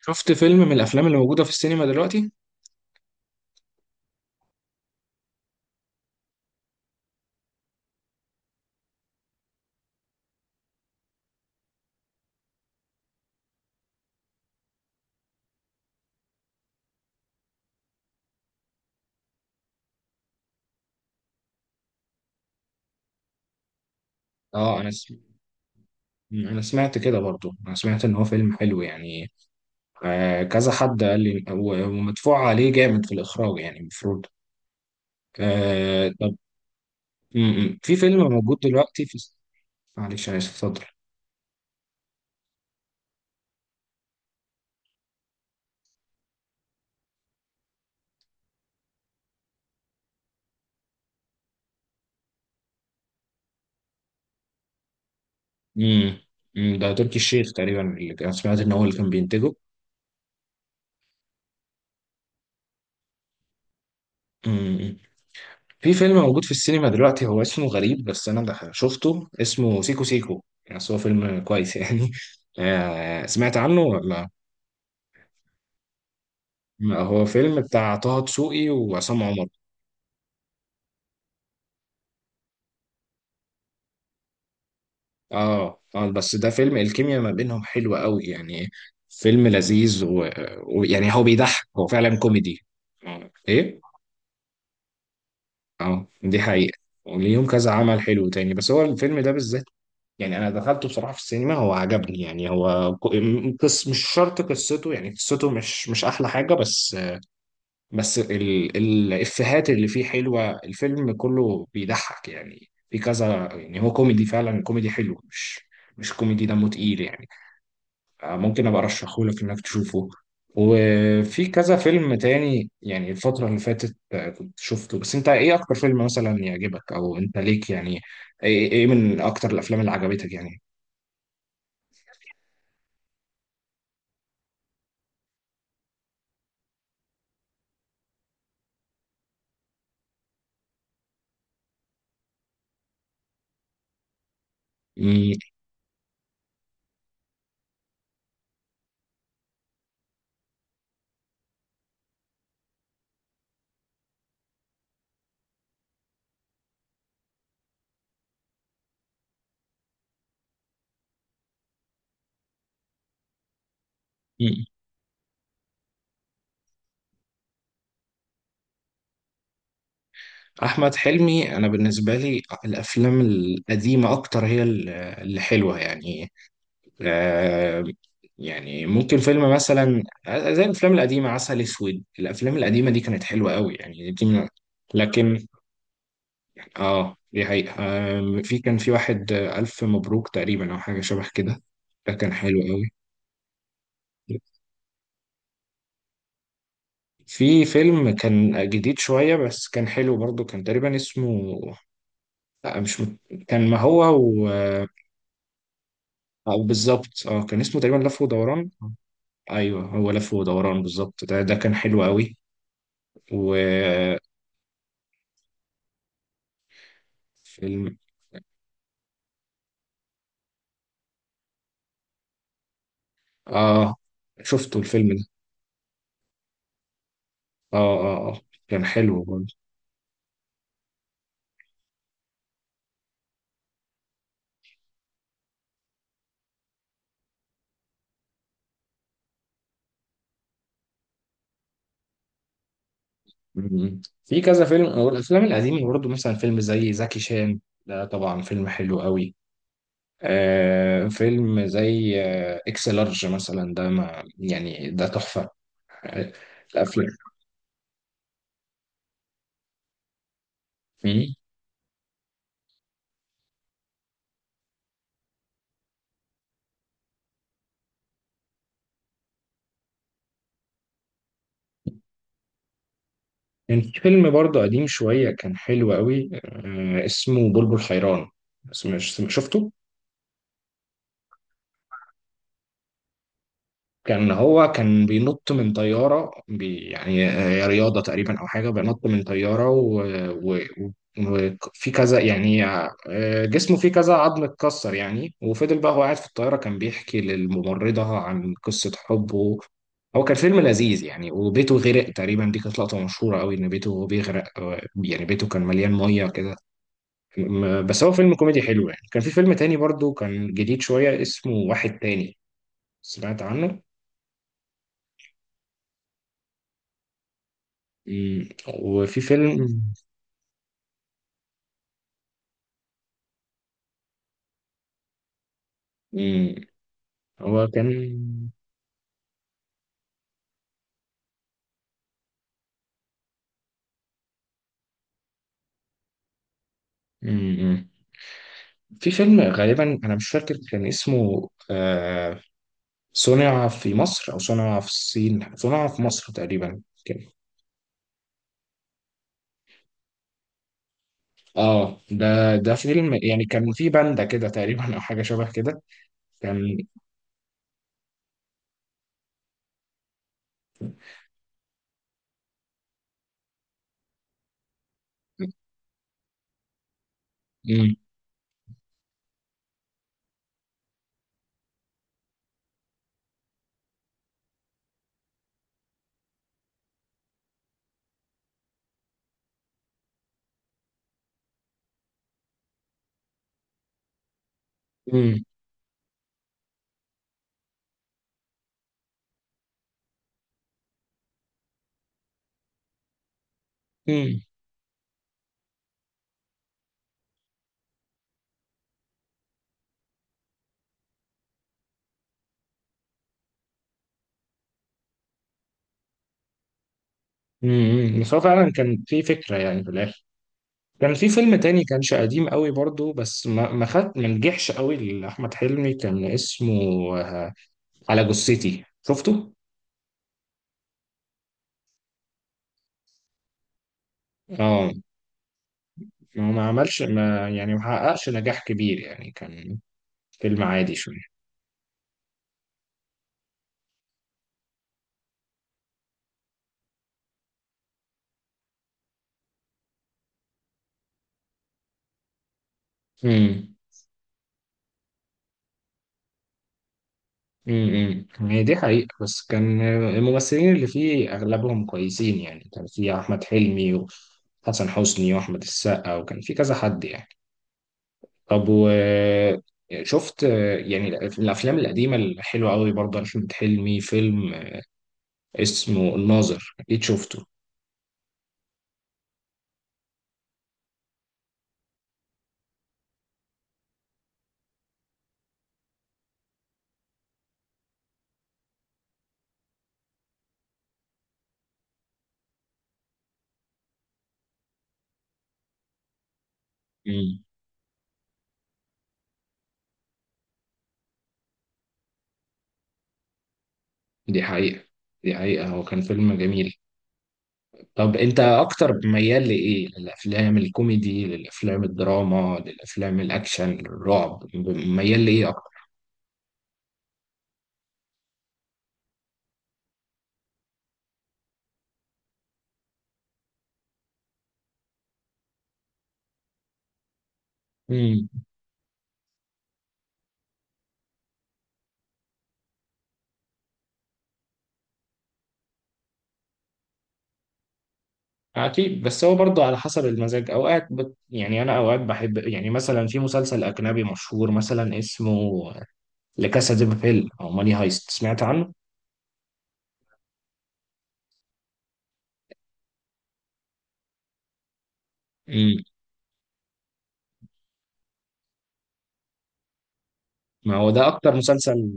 شفت فيلم من الافلام اللي موجوده في السينما دلوقتي؟ اه انا س... انا سمعت كده برضو انا سمعت ان هو فيلم حلو يعني. كذا حد قال لي ومدفوع عليه جامد في الاخراج، يعني المفروض. آه، طب. م- م. في فيلم موجود دلوقتي في، معلش انا اسف، اتفضل. امم. ده تركي الشيخ تقريبا سمعت ان هو اللي كان بينتجه. امم. في فيلم موجود في السينما دلوقتي هو اسمه غريب، بس انا ده شفته اسمه سيكو سيكو يعني، بس هو فيلم كويس يعني. سمعت عنه ولا؟ ما هو فيلم بتاع طه دسوقي وعصام عمر. اه اه، بس ده فيلم الكيمياء ما بينهم حلوة قوي يعني، فيلم لذيذ ويعني هو بيضحك، هو فعلا كوميدي. آه، ايه. اه، دي حقيقة. وليهم كذا عمل حلو تاني، بس هو الفيلم ده بالذات يعني انا دخلته بصراحه في السينما، هو عجبني يعني، هو قص، مش شرط قصته، يعني قصته مش احلى حاجه، بس الافيهات اللي فيه حلوه، الفيلم كله بيضحك يعني، في كذا يعني هو كوميدي، فعلا كوميدي حلو، مش كوميدي دمه تقيل يعني. ممكن ابقى ارشحه لك انك تشوفه. وفي كذا فيلم تاني يعني الفترة اللي فاتت كنت شفته، بس انت ايه اكتر فيلم مثلا يعجبك، او انت ليك يعني إيه من اكتر الافلام اللي عجبتك؟ يعني. مم. احمد حلمي انا بالنسبه لي الافلام القديمه اكتر هي اللي حلوه يعني. آه. يعني ممكن فيلم مثلا زي الافلام القديمه، عسل اسود، الافلام القديمه دي كانت حلوه قوي يعني، دي من، لكن اه، دي حقيقة. في كان في واحد الف مبروك تقريبا، او حاجه شبه كده، ده كان حلو قوي. في فيلم كان جديد شويه بس كان حلو برضو، كان تقريبا اسمه، لا مش كان ما هو، أو بالظبط، اه كان اسمه تقريبا لف ودوران. ايوه، هو لف ودوران بالظبط، ده كان حلو قوي. وفيلم. اه، شفته الفيلم ده. اه اه اه، كان حلو برضه. في كذا فيلم والافلام القديمه برضه، مثلا فيلم زي زكي شان، ده طبعا فيلم حلو قوي. فيلم زي اكس لارج مثلا، ده ما يعني ده تحفه. آه. الافلام. م-م. كان في فيلم برضه قديم شوية كان حلو قوي، اسمه بلبل حيران، بس مش شفته. كان هو كان بينط من طيارة، بي يعني رياضة تقريبا أو حاجة، بينط من طيارة وفي في كذا يعني. جسمه فيه كذا عظم اتكسر يعني، وفضل بقى هو قاعد في الطيارة، كان بيحكي للممرضة عن قصة حبه. هو كان فيلم لذيذ يعني، وبيته غرق تقريبا، دي كانت لقطة مشهورة قوي إن بيته بيغرق، يعني بيته كان مليان مية كده. بس هو فيلم كوميدي حلو يعني. كان في فيلم تاني برضو كان جديد شوية اسمه واحد تاني، سمعت عنه. مم. وفي فيلم. مم. هو كان. مم. في فيلم غالبا أنا مش فاكر كان اسمه صنع في مصر أو صنع في الصين، صنع في مصر تقريبا كان. اه، ده فيلم يعني كان في باندا كده تقريبا أو حاجة شبه كده، كان. مم. مم. مم. مم. بس هو فعلا كان في فكرة يعني في الآخر. كان في فيلم تاني كانش قديم قوي برضو، بس ما خد ما نجحش قوي لأحمد حلمي، كان اسمه، آه، على جثتي، شفته؟ اه، ما عملش، ما يعني ما حققش نجاح كبير يعني، كان فيلم عادي شوية. امم. هي دي حقيقة، بس كان الممثلين اللي فيه أغلبهم كويسين يعني، كان في أحمد حلمي وحسن حسني وأحمد السقا، وكان في كذا حد يعني. طب وشفت يعني الافلام القديمه الحلوه قوي برضه احمد حلمي، فيلم اسمه الناظر، اكيد شفته. مم. دي حقيقه، دي حقيقه، هو كان فيلم جميل. طب انت اكتر ميال لايه؟ للافلام الكوميدي، للافلام الدراما، للافلام الاكشن، للرعب؟ ميال لايه اكتر؟ امم. اكيد، بس هو برضه على حسب المزاج، اوقات يعني انا اوقات بحب يعني، مثلا في مسلسل اجنبي مشهور مثلا اسمه لكاسا دي بابيل او ماني هايست، سمعت عنه؟ امم. ما هو ده اكتر مسلسل.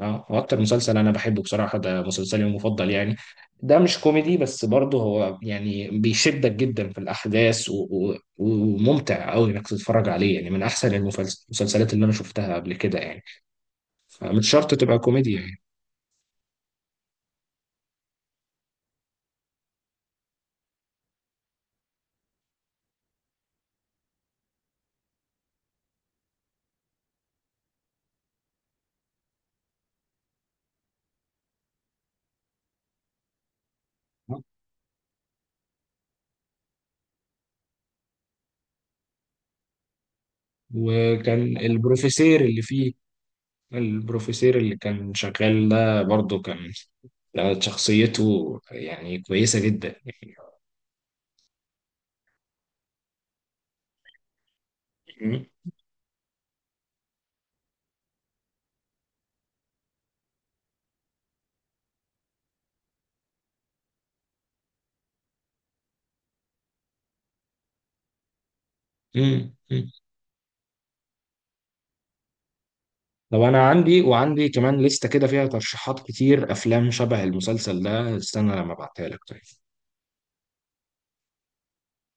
اه، هو اكتر مسلسل انا بحبه بصراحه، ده مسلسلي المفضل يعني، ده مش كوميدي بس برضه هو يعني بيشدك جدا في الاحداث وممتع قوي انك تتفرج عليه يعني، من احسن المسلسلات اللي انا شفتها قبل كده يعني، فمش شرط تبقى كوميديا يعني. وكان البروفيسير اللي فيه، البروفيسير اللي كان شغال ده برضه كان، شخصيته يعني كويسه جدا. يعني. مم. مم. طب انا عندي، وعندي كمان لستة كده فيها ترشيحات كتير افلام شبه المسلسل ده، استنى لما ابعتها لك.